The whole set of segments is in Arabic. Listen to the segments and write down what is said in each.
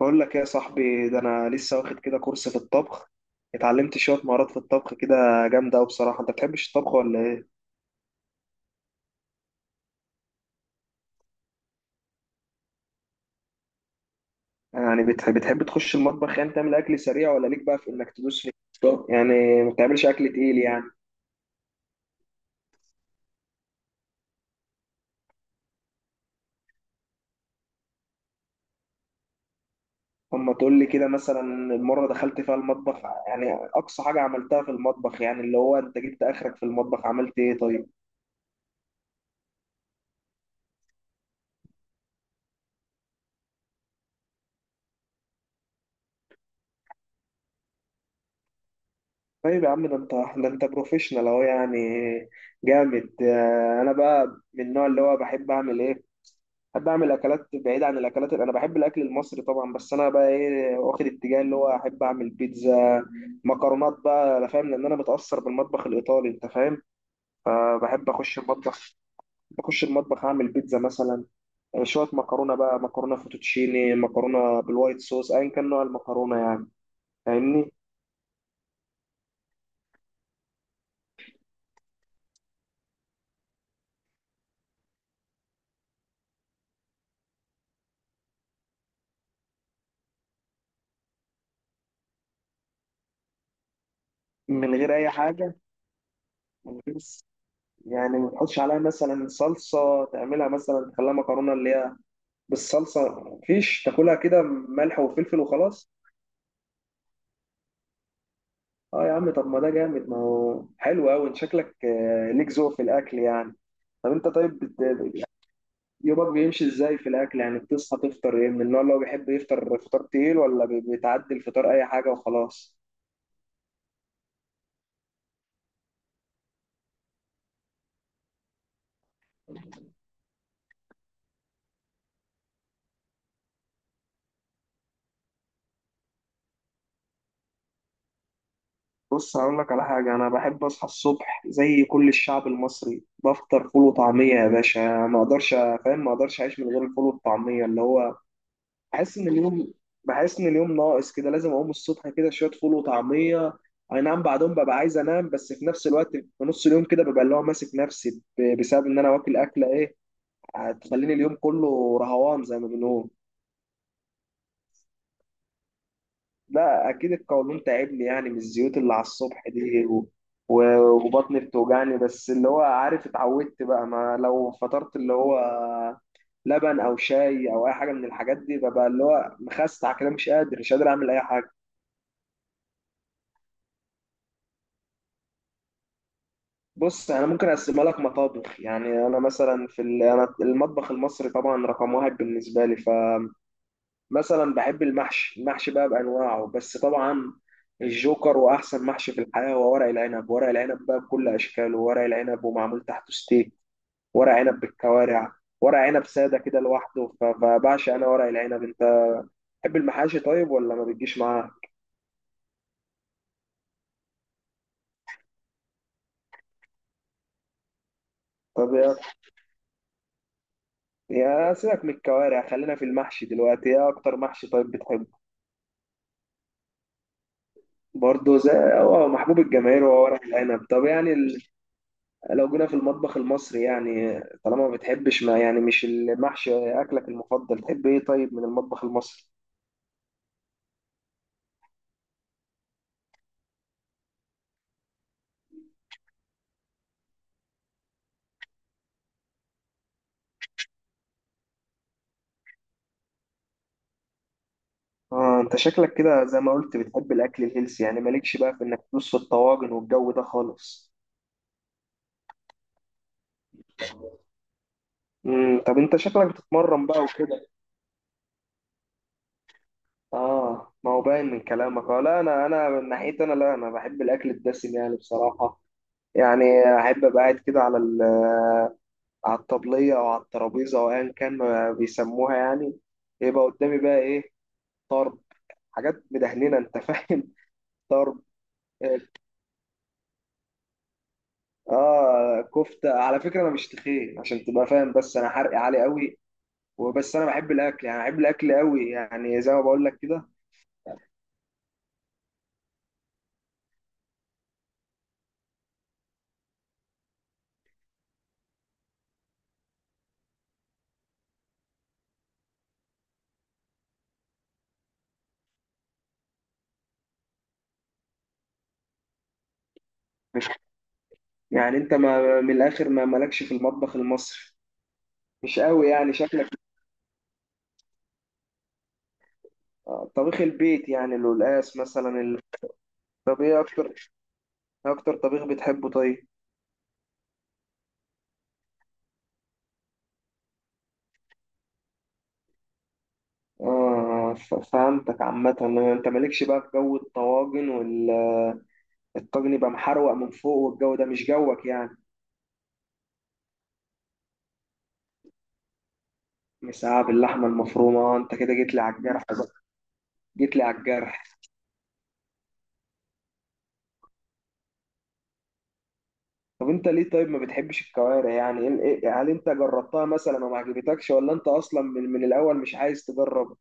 بقول لك إيه يا صاحبي، ده انا لسه واخد كده كورس في الطبخ. اتعلمت شويه مهارات في الطبخ كده. جامده قوي بصراحه. انت بتحبش الطبخ ولا ايه؟ يعني بتحب تخش المطبخ، يعني تعمل اكل سريع، ولا ليك بقى في انك تدوس في؟ طب يعني ما بتعملش اكل تقيل يعني؟ اما تقول لي كده مثلا المره دخلت فيها المطبخ، يعني اقصى حاجه عملتها في المطبخ، يعني اللي هو انت جبت اخرك في المطبخ عملت ايه طيب؟ طيب يا عم ده انت بروفيشنال اهو يعني. جامد. انا بقى من النوع اللي هو بحب اعمل ايه، بحب اعمل اكلات بعيد عن الاكلات. انا بحب الاكل المصري طبعا، بس انا بقى ايه واخد اتجاه اللي هو احب اعمل بيتزا، مكرونات بقى. انا فاهم لان انا متاثر بالمطبخ الايطالي، انت فاهم؟ فبحب اخش المطبخ، بخش المطبخ اعمل بيتزا مثلا. شويه مكرونه بقى، مكرونه فوتوتشيني، مكرونه بالوايت صوص، ايا كان نوع المكرونه يعني، فاهمني. من غير اي حاجه؟ يعني ما تحطش عليها مثلا صلصة تعملها، مثلا تخليها مكرونة اللي هي بالصلصة، مفيش، تاكلها كده ملح وفلفل وخلاص؟ اه يا عم، طب ما ده جامد، ما هو حلو قوي. انت شكلك ليك ذوق في الاكل يعني. طب انت طيب يومك بيمشي ازاي في الاكل يعني؟ بتصحى تفطر ايه؟ من النوع اللي هو بيحب يفطر فطار تقيل، ولا بتعدي الفطار اي حاجة وخلاص؟ بص هقول لك على حاجة، أنا بحب أصحى الصبح زي كل الشعب المصري، بفطر فول وطعمية يا باشا. ما أقدرش، فاهم، ما أقدرش أعيش من غير الفول والطعمية اللي هو، بحس إن اليوم بحس إن اليوم ناقص كده. لازم أقوم الصبح كده شوية فول وطعمية. أي نعم، بعدهم ببقى عايز أنام، بس في نفس الوقت في نص اليوم كده ببقى اللي هو ماسك نفسي بسبب إن أنا واكل أكلة إيه هتخليني اليوم كله رهوان زي ما بنقول. لا اكيد القولون تعبني يعني، من الزيوت اللي على الصبح دي وبطني بتوجعني. بس اللي هو عارف، اتعودت بقى، ما لو فطرت اللي هو لبن او شاي او اي حاجه من الحاجات دي، ببقى اللي هو مخستع كده، مش قادر اعمل اي حاجه. بص انا ممكن اقسمها لك مطابخ يعني، انا مثلا انا المطبخ المصري طبعا رقم واحد بالنسبه لي، ف مثلا بحب المحشي، المحشي بقى بانواعه، بس طبعا الجوكر واحسن محشي في الحياه هو ورق العنب. ورق العنب بقى بكل اشكاله، ورق العنب ومعمول تحته ستيك، ورق عنب بالكوارع، ورق عنب ساده كده لوحده، فبعشق انا ورق العنب. انت بتحب المحاشي طيب، ولا ما بتجيش معاه؟ طب يا سيبك من الكوارع، خلينا في المحشي دلوقتي. ايه اكتر محشي طيب بتحبه؟ برضه زي، هو محبوب الجماهير هو ورق العنب. طب يعني لو جينا في المطبخ المصري يعني، طالما ما بتحبش، ما يعني مش المحشي اكلك المفضل، تحب ايه طيب من المطبخ المصري؟ اه انت شكلك كده زي ما قلت بتحب الاكل الهيلثي يعني، مالكش بقى في انك تدوس في الطواجن والجو ده خالص. طب انت شكلك بتتمرن بقى وكده؟ اه ما هو باين من كلامك. اه لا انا، من ناحيتي، انا لا انا بحب الاكل الدسم يعني بصراحه، يعني احب ابقى قاعد كده على على الطبليه او على الترابيزه او ايا كان ما بيسموها يعني، يبقى قدامي بقى ايه، طرب، حاجات مدهننه انت فاهم، طرب. اه كفته على فكره، انا مش تخين عشان تبقى فاهم، بس انا حرقي عالي قوي. وبس انا بحب الاكل يعني، بحب الاكل قوي يعني، زي ما بقول لك كده. مش يعني انت، ما من الاخر ما مالكش في المطبخ المصري، مش قوي يعني شكلك. طبيخ البيت يعني القلقاس مثلا طب ايه اكتر، إيه اكتر طبيخ بتحبه طيب؟ اه فهمتك عامة. انت مالكش بقى في جو الطواجن، والطاجن يبقى محروق من فوق والجو ده مش جوك يعني. مساعة باللحمة المفرومة، انت كده جيت لي على الجرح بقى. جيت لي على الجرح. طب انت ليه طيب ما بتحبش الكوارع يعني؟ هل انت جربتها مثلا وما عجبتكش، ولا انت اصلا من الاول مش عايز تجرب؟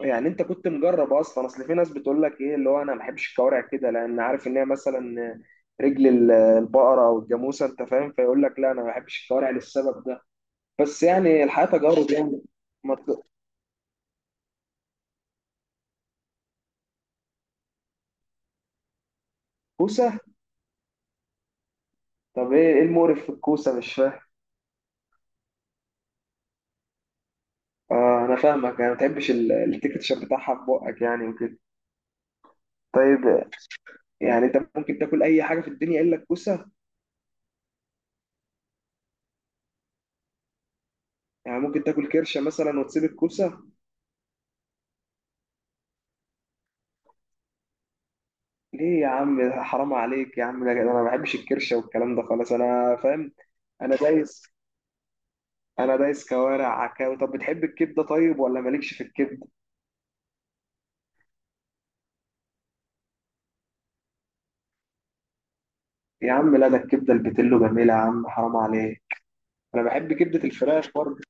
يعني انت كنت مجرب اصلا؟ اصل في ناس بتقول لك ايه، اللي هو انا ما بحبش الكوارع كده، لان عارف ان هي مثلا رجل البقرة او الجاموسة انت فاهم، فيقول لك لا انا ما بحبش الكوارع للسبب ده. بس يعني الحياة تجارب يعني. ما ت- كوسة. طب ايه، المقرف في الكوسة، مش فاهم؟ آه انا فاهمك، يعني ما بتحبش التكتشر بتاعها في بقك يعني وكده. طيب يعني انت ممكن تاكل اي حاجه في الدنيا الا الكوسه؟ يعني ممكن تاكل كرشه مثلا وتسيب الكوسه؟ ليه يا عم ده حرام عليك يا عم، ده انا ما بحبش الكرشه والكلام ده خالص، انا فاهم. انا دايس انا دايس كوارع عكاوي. طب بتحب الكبده طيب، ولا مالكش في الكبده؟ يا عم لا، ده الكبده البتلو جميله يا عم، حرام عليك. انا بحب كبده الفراخ برضه.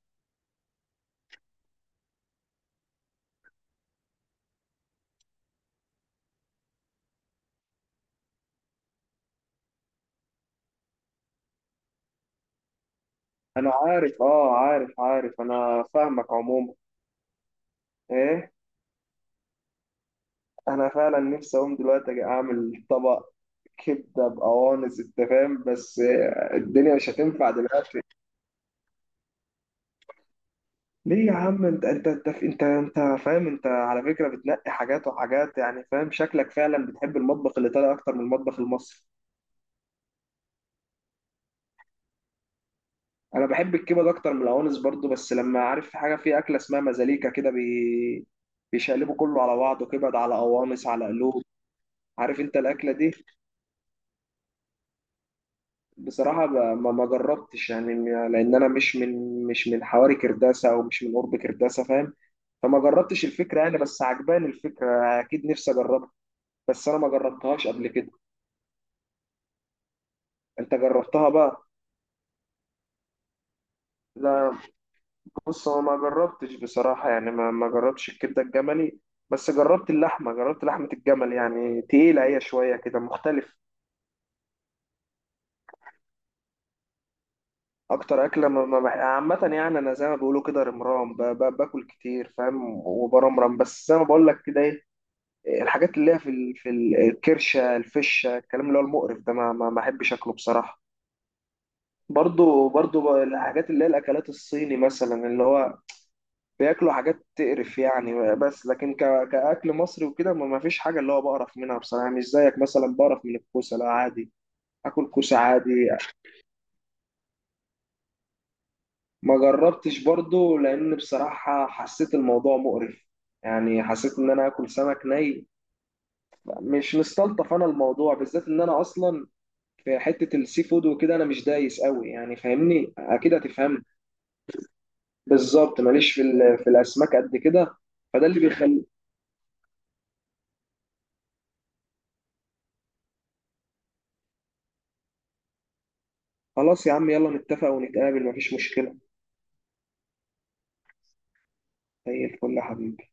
انا عارف، اه عارف انا فاهمك عموما. ايه؟ انا فعلا نفسي اقوم دلوقتي أجي اعمل طبق كبده بقوانص، انت فاهم، بس الدنيا مش هتنفع دلوقتي. ليه يا عم؟ انت فاهم، انت على فكره بتنقي حاجات وحاجات يعني، فاهم؟ شكلك فعلا بتحب المطبخ الايطالي اكتر من المطبخ المصري. انا بحب الكبد اكتر من القوانص برضو، بس لما عارف في حاجه، في اكله اسمها مزاليكا كده، بيشقلبوا كله على بعضه، كبد على قوانص على قلوب. عارف انت الاكله دي؟ بصراحة ما جربتش يعني، لأن أنا مش من، مش من حواري كرداسة، أو مش من قرب كرداسة فاهم، فما جربتش الفكرة يعني، بس عجباني الفكرة، أكيد نفسي أجربها. بس أنا ما جربتهاش قبل كده. أنت جربتها بقى؟ لا. بص هو ما جربتش بصراحة، يعني ما جربتش الكبدة الجملي، بس جربت اللحمة، جربت لحمة الجمل يعني تقيلة، هي شوية كده مختلف. أكتر أكلة ما عامة يعني، أنا زي ما بيقولوا كده رمرام، باكل كتير فاهم، وبرمرم. بس زي ما بقول لك كده، إيه الحاجات اللي هي الكرشه، الفشه، الكلام اللي هو المقرف ده، ما بحبش اكله بصراحه. برضو، الحاجات اللي هي الاكلات الصيني مثلا، اللي هو بياكلوا حاجات تقرف يعني، بس لكن كاكل مصري وكده ما فيش حاجه اللي هو بقرف منها بصراحه. مش زيك مثلا بقرف من الكوسه، لا عادي، اكل كوسه عادي. ما جربتش برضو لان بصراحه حسيت الموضوع مقرف، يعني حسيت ان انا اكل سمك ني، مش مستلطف انا الموضوع بالذات، ان انا اصلا في حته السي فود وكده انا مش دايس قوي يعني، فاهمني اكيد هتفهم. بالظبط ماليش في الاسماك قد كده، فده اللي بيخلي. خلاص يا عم يلا نتفق ونتقابل، مفيش مشكله. زي الفل يا حبيبي.